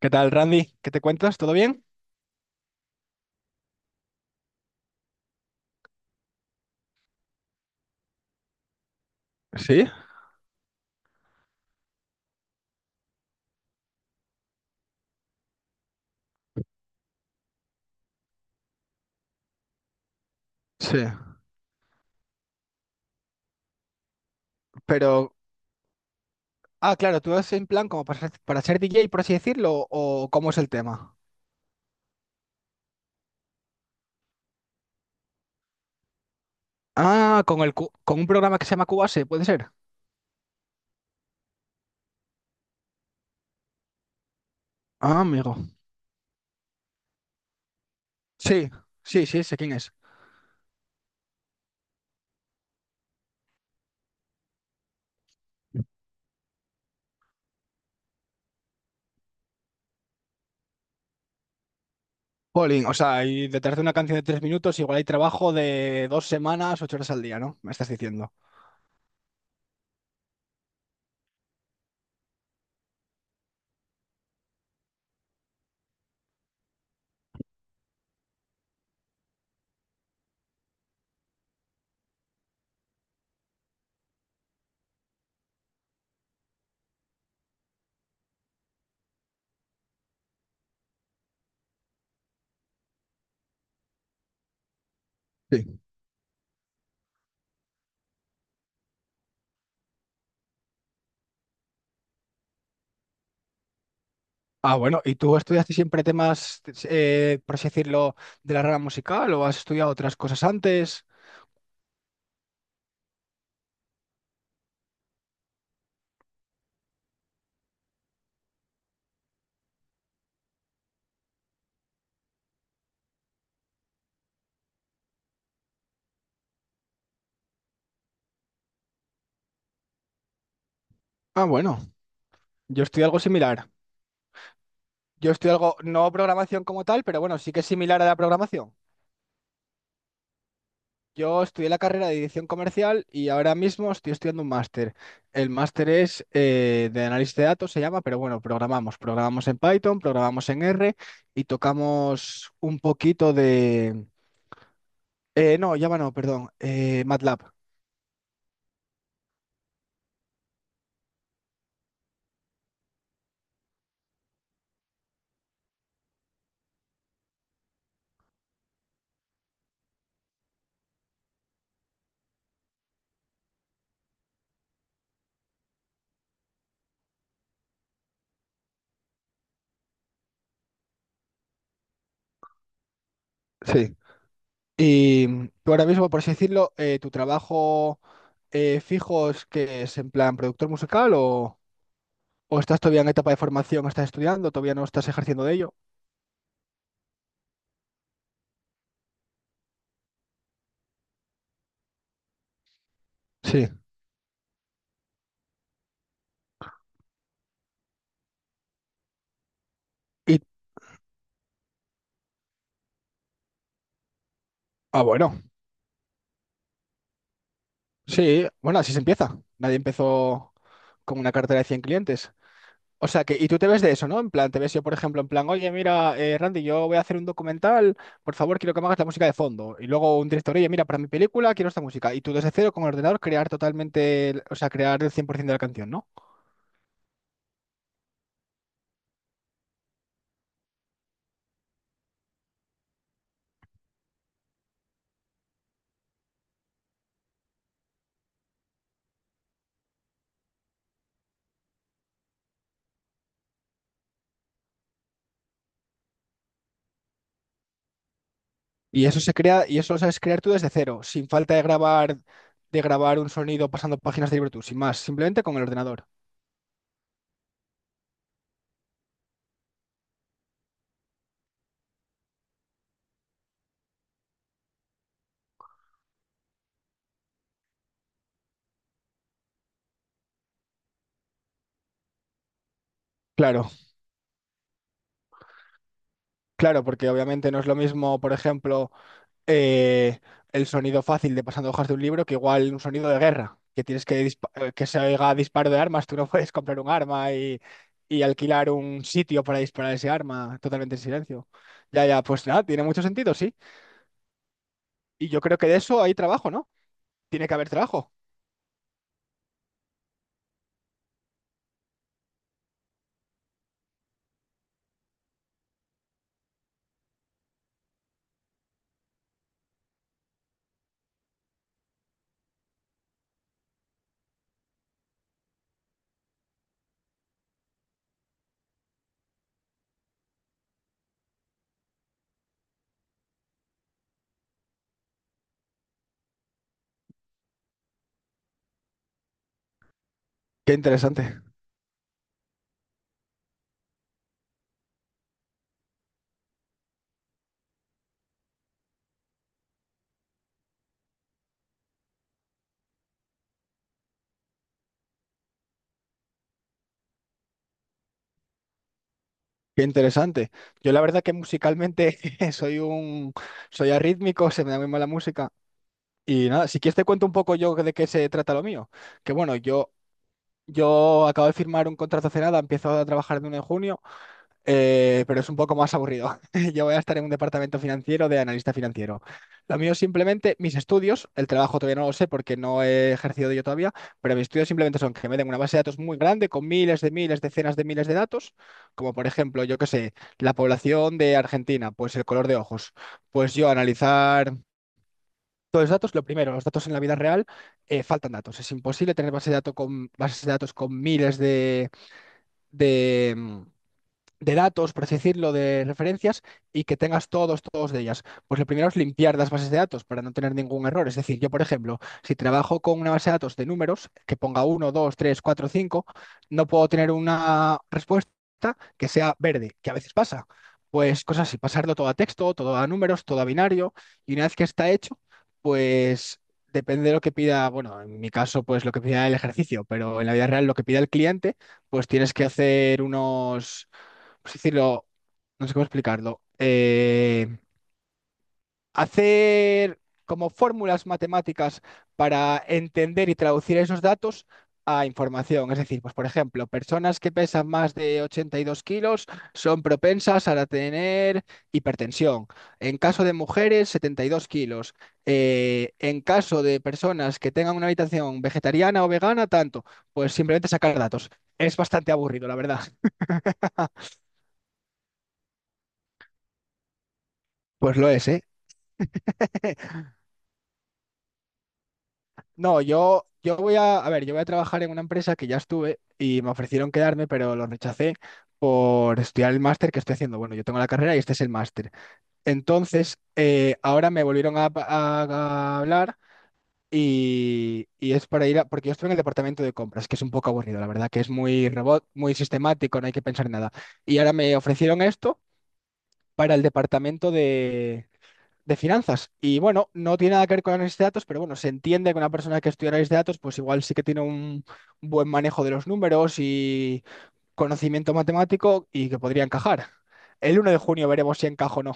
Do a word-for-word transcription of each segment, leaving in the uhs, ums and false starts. ¿Qué tal, Randy? ¿Qué te cuentas? ¿Todo bien? ¿Sí? Sí. Pero, ah, claro, tú es en plan como para ser, para ser, D J, por así decirlo, o cómo es el tema. Ah, con el cu- con un programa que se llama Cubase, ¿puede ser? Ah, amigo. Sí, sí, sí, sé quién es. Pauline, o sea, y detrás de una canción de tres minutos, igual hay trabajo de dos semanas, ocho horas al día, ¿no? Me estás diciendo. Sí. Ah, bueno, ¿y tú estudiaste siempre temas, eh, por así decirlo, de la rama musical o has estudiado otras cosas antes? Ah, bueno, yo estudié algo similar. Yo estudio algo, no programación como tal, pero bueno, sí que es similar a la programación. Yo estudié la carrera de dirección comercial y ahora mismo estoy estudiando un máster. El máster es, eh, de análisis de datos, se llama, pero bueno, programamos. Programamos en Python, programamos en R y tocamos un poquito de... eh, no, Java no, perdón, eh, MATLAB. Sí. Y tú ahora mismo, por así decirlo, eh, tu trabajo eh, fijo es que es en plan productor musical o... o estás todavía en etapa de formación, o estás estudiando, todavía no estás ejerciendo de ello. Sí. Y, ah, bueno, sí, bueno, así se empieza. Nadie empezó con una cartera de cien clientes. O sea que, y tú te ves de eso, ¿no? En plan, te ves yo, por ejemplo, en plan, oye, mira, eh, Randy, yo voy a hacer un documental, por favor, quiero que me hagas la música de fondo. Y luego un director, oye, mira, para mi película quiero esta música. Y tú desde cero con el ordenador crear totalmente, el- o sea, crear el cien por ciento de la canción, ¿no? Y eso se crea, y eso lo sabes crear tú desde cero, sin falta de grabar, de grabar, un sonido pasando páginas de libreto, sin más, simplemente con el ordenador. Claro, claro, porque obviamente no es lo mismo, por ejemplo, eh, el sonido fácil de pasando hojas de un libro que igual un sonido de guerra, que tienes que dispa- eh, que se oiga disparo de armas, tú no puedes comprar un arma y, y alquilar un sitio para disparar ese arma totalmente en silencio. Ya, ya, pues nada, tiene mucho sentido, sí. Y yo creo que de eso hay trabajo, ¿no? Tiene que haber trabajo. Qué interesante. Qué interesante. Yo la verdad que musicalmente soy un soy arrítmico, se me da muy mal la música. Y nada, si quieres te cuento un poco yo de qué se trata lo mío. Que bueno, yo yo acabo de firmar un contrato hace nada, empiezo a trabajar el uno de junio eh, pero es un poco más aburrido. Yo voy a estar en un departamento financiero de analista financiero. Lo mío es simplemente mis estudios, el trabajo todavía no lo sé porque no he ejercido yo todavía, pero mis estudios simplemente son que me den una base de datos muy grande con miles de miles, decenas de miles de datos, como por ejemplo, yo qué sé, la población de Argentina, pues el color de ojos. Pues yo analizar. Todos los datos, lo primero, los datos en la vida real, eh, faltan datos. Es imposible tener base de datos con, bases de datos con miles de, de, mm, de datos, por así decirlo, de referencias y que tengas todos, todos de ellas. Pues lo primero es limpiar las bases de datos para no tener ningún error. Es decir, yo, por ejemplo, si trabajo con una base de datos de números que ponga uno dos tres cuatro cinco no puedo tener una respuesta que sea verde, que a veces pasa. Pues cosas así, pasarlo todo a texto, todo a números, todo a binario y una vez que está hecho, pues. Depende de lo que pida, bueno, en mi caso, pues lo que pida el ejercicio, pero en la vida real lo que pida el cliente, pues tienes que hacer unos, pues decirlo, no sé cómo explicarlo, eh, hacer como fórmulas matemáticas para entender y traducir esos datos a información. Es decir, pues por ejemplo, personas que pesan más de ochenta y dos kilos son propensas a la tener hipertensión. En caso de mujeres, setenta y dos kilos. Eh, en caso de personas que tengan una habitación vegetariana o vegana, tanto, pues simplemente sacar datos. Es bastante aburrido, la verdad. Pues lo es, ¿eh? No, yo, yo voy a, a ver, yo voy a trabajar en una empresa que ya estuve y me ofrecieron quedarme, pero lo rechacé por estudiar el máster que estoy haciendo. Bueno, yo tengo la carrera y este es el máster. Entonces, eh, ahora me volvieron a, a- a hablar y, y es para ir a, porque yo estoy en el departamento de compras, que es un poco aburrido, la verdad, que es muy robot, muy sistemático, no hay que pensar en nada. Y ahora me ofrecieron esto para el departamento de finanzas. Y bueno, no tiene nada que ver con análisis de datos, pero bueno, se entiende que una persona que estudia análisis de datos, pues igual sí que tiene un buen manejo de los números y conocimiento matemático y que podría encajar. El uno de junio veremos si encaja o no.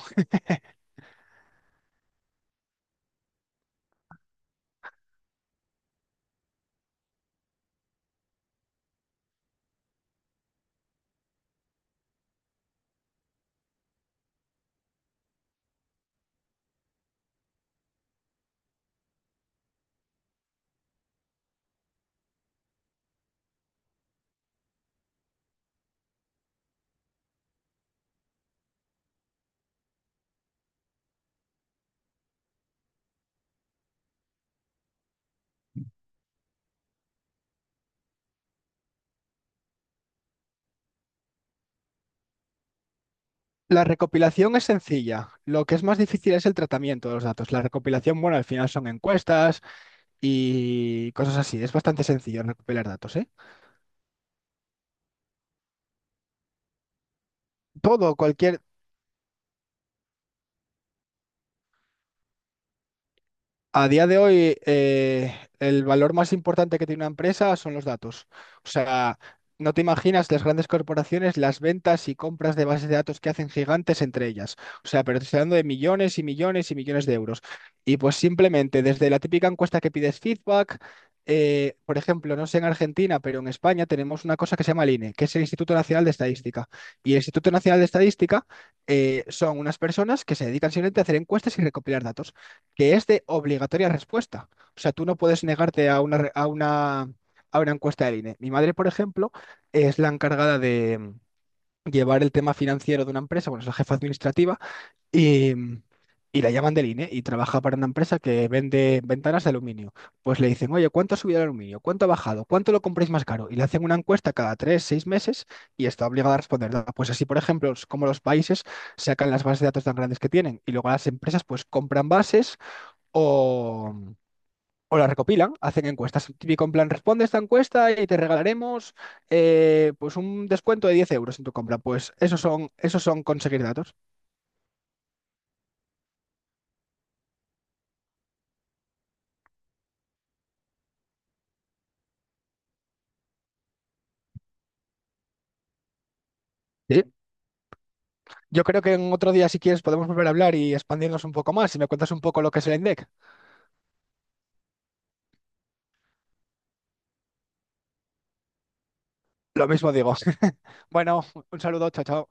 La recopilación es sencilla. Lo que es más difícil es el tratamiento de los datos. La recopilación, bueno, al final son encuestas y cosas así. Es bastante sencillo recopilar datos, ¿eh? Todo, cualquier. A día de hoy, eh, el valor más importante que tiene una empresa son los datos. O sea, no te imaginas las grandes corporaciones, las ventas y compras de bases de datos que hacen gigantes entre ellas. O sea, pero te estoy hablando de millones y millones y millones de euros. Y pues simplemente desde la típica encuesta que pides feedback, eh, por ejemplo, no sé en Argentina, pero en España tenemos una cosa que se llama el I N E, que es el Instituto Nacional de Estadística. Y el Instituto Nacional de Estadística eh, son unas personas que se dedican simplemente a hacer encuestas y recopilar datos que es de obligatoria respuesta. O sea, tú no puedes negarte a una, re- a una, a una encuesta del I N E. Mi madre, por ejemplo, es la encargada de mm, llevar el tema financiero de una empresa, bueno, es la jefa administrativa, y, mm, y la llaman del I N E y trabaja para una empresa que vende ventanas de aluminio. Pues le dicen, oye, ¿cuánto ha subido el aluminio? ¿Cuánto ha bajado? ¿Cuánto lo compráis más caro? Y le hacen una encuesta cada tres, seis meses y está obligada a responder, ¿no? Pues así, por ejemplo, es como los países sacan las bases de datos tan grandes que tienen y luego las empresas pues compran bases o, o las recopilan, hacen encuestas. Típico en plan, responde esta encuesta y te regalaremos eh, pues un descuento de diez euros en tu compra. Pues esos son, esos son conseguir datos. Sí. Yo creo que en otro día, si quieres, podemos volver a hablar y expandirnos un poco más. Si me cuentas un poco lo que es el INDEC, lo mismo digo. Bueno, un saludo, chao, chao.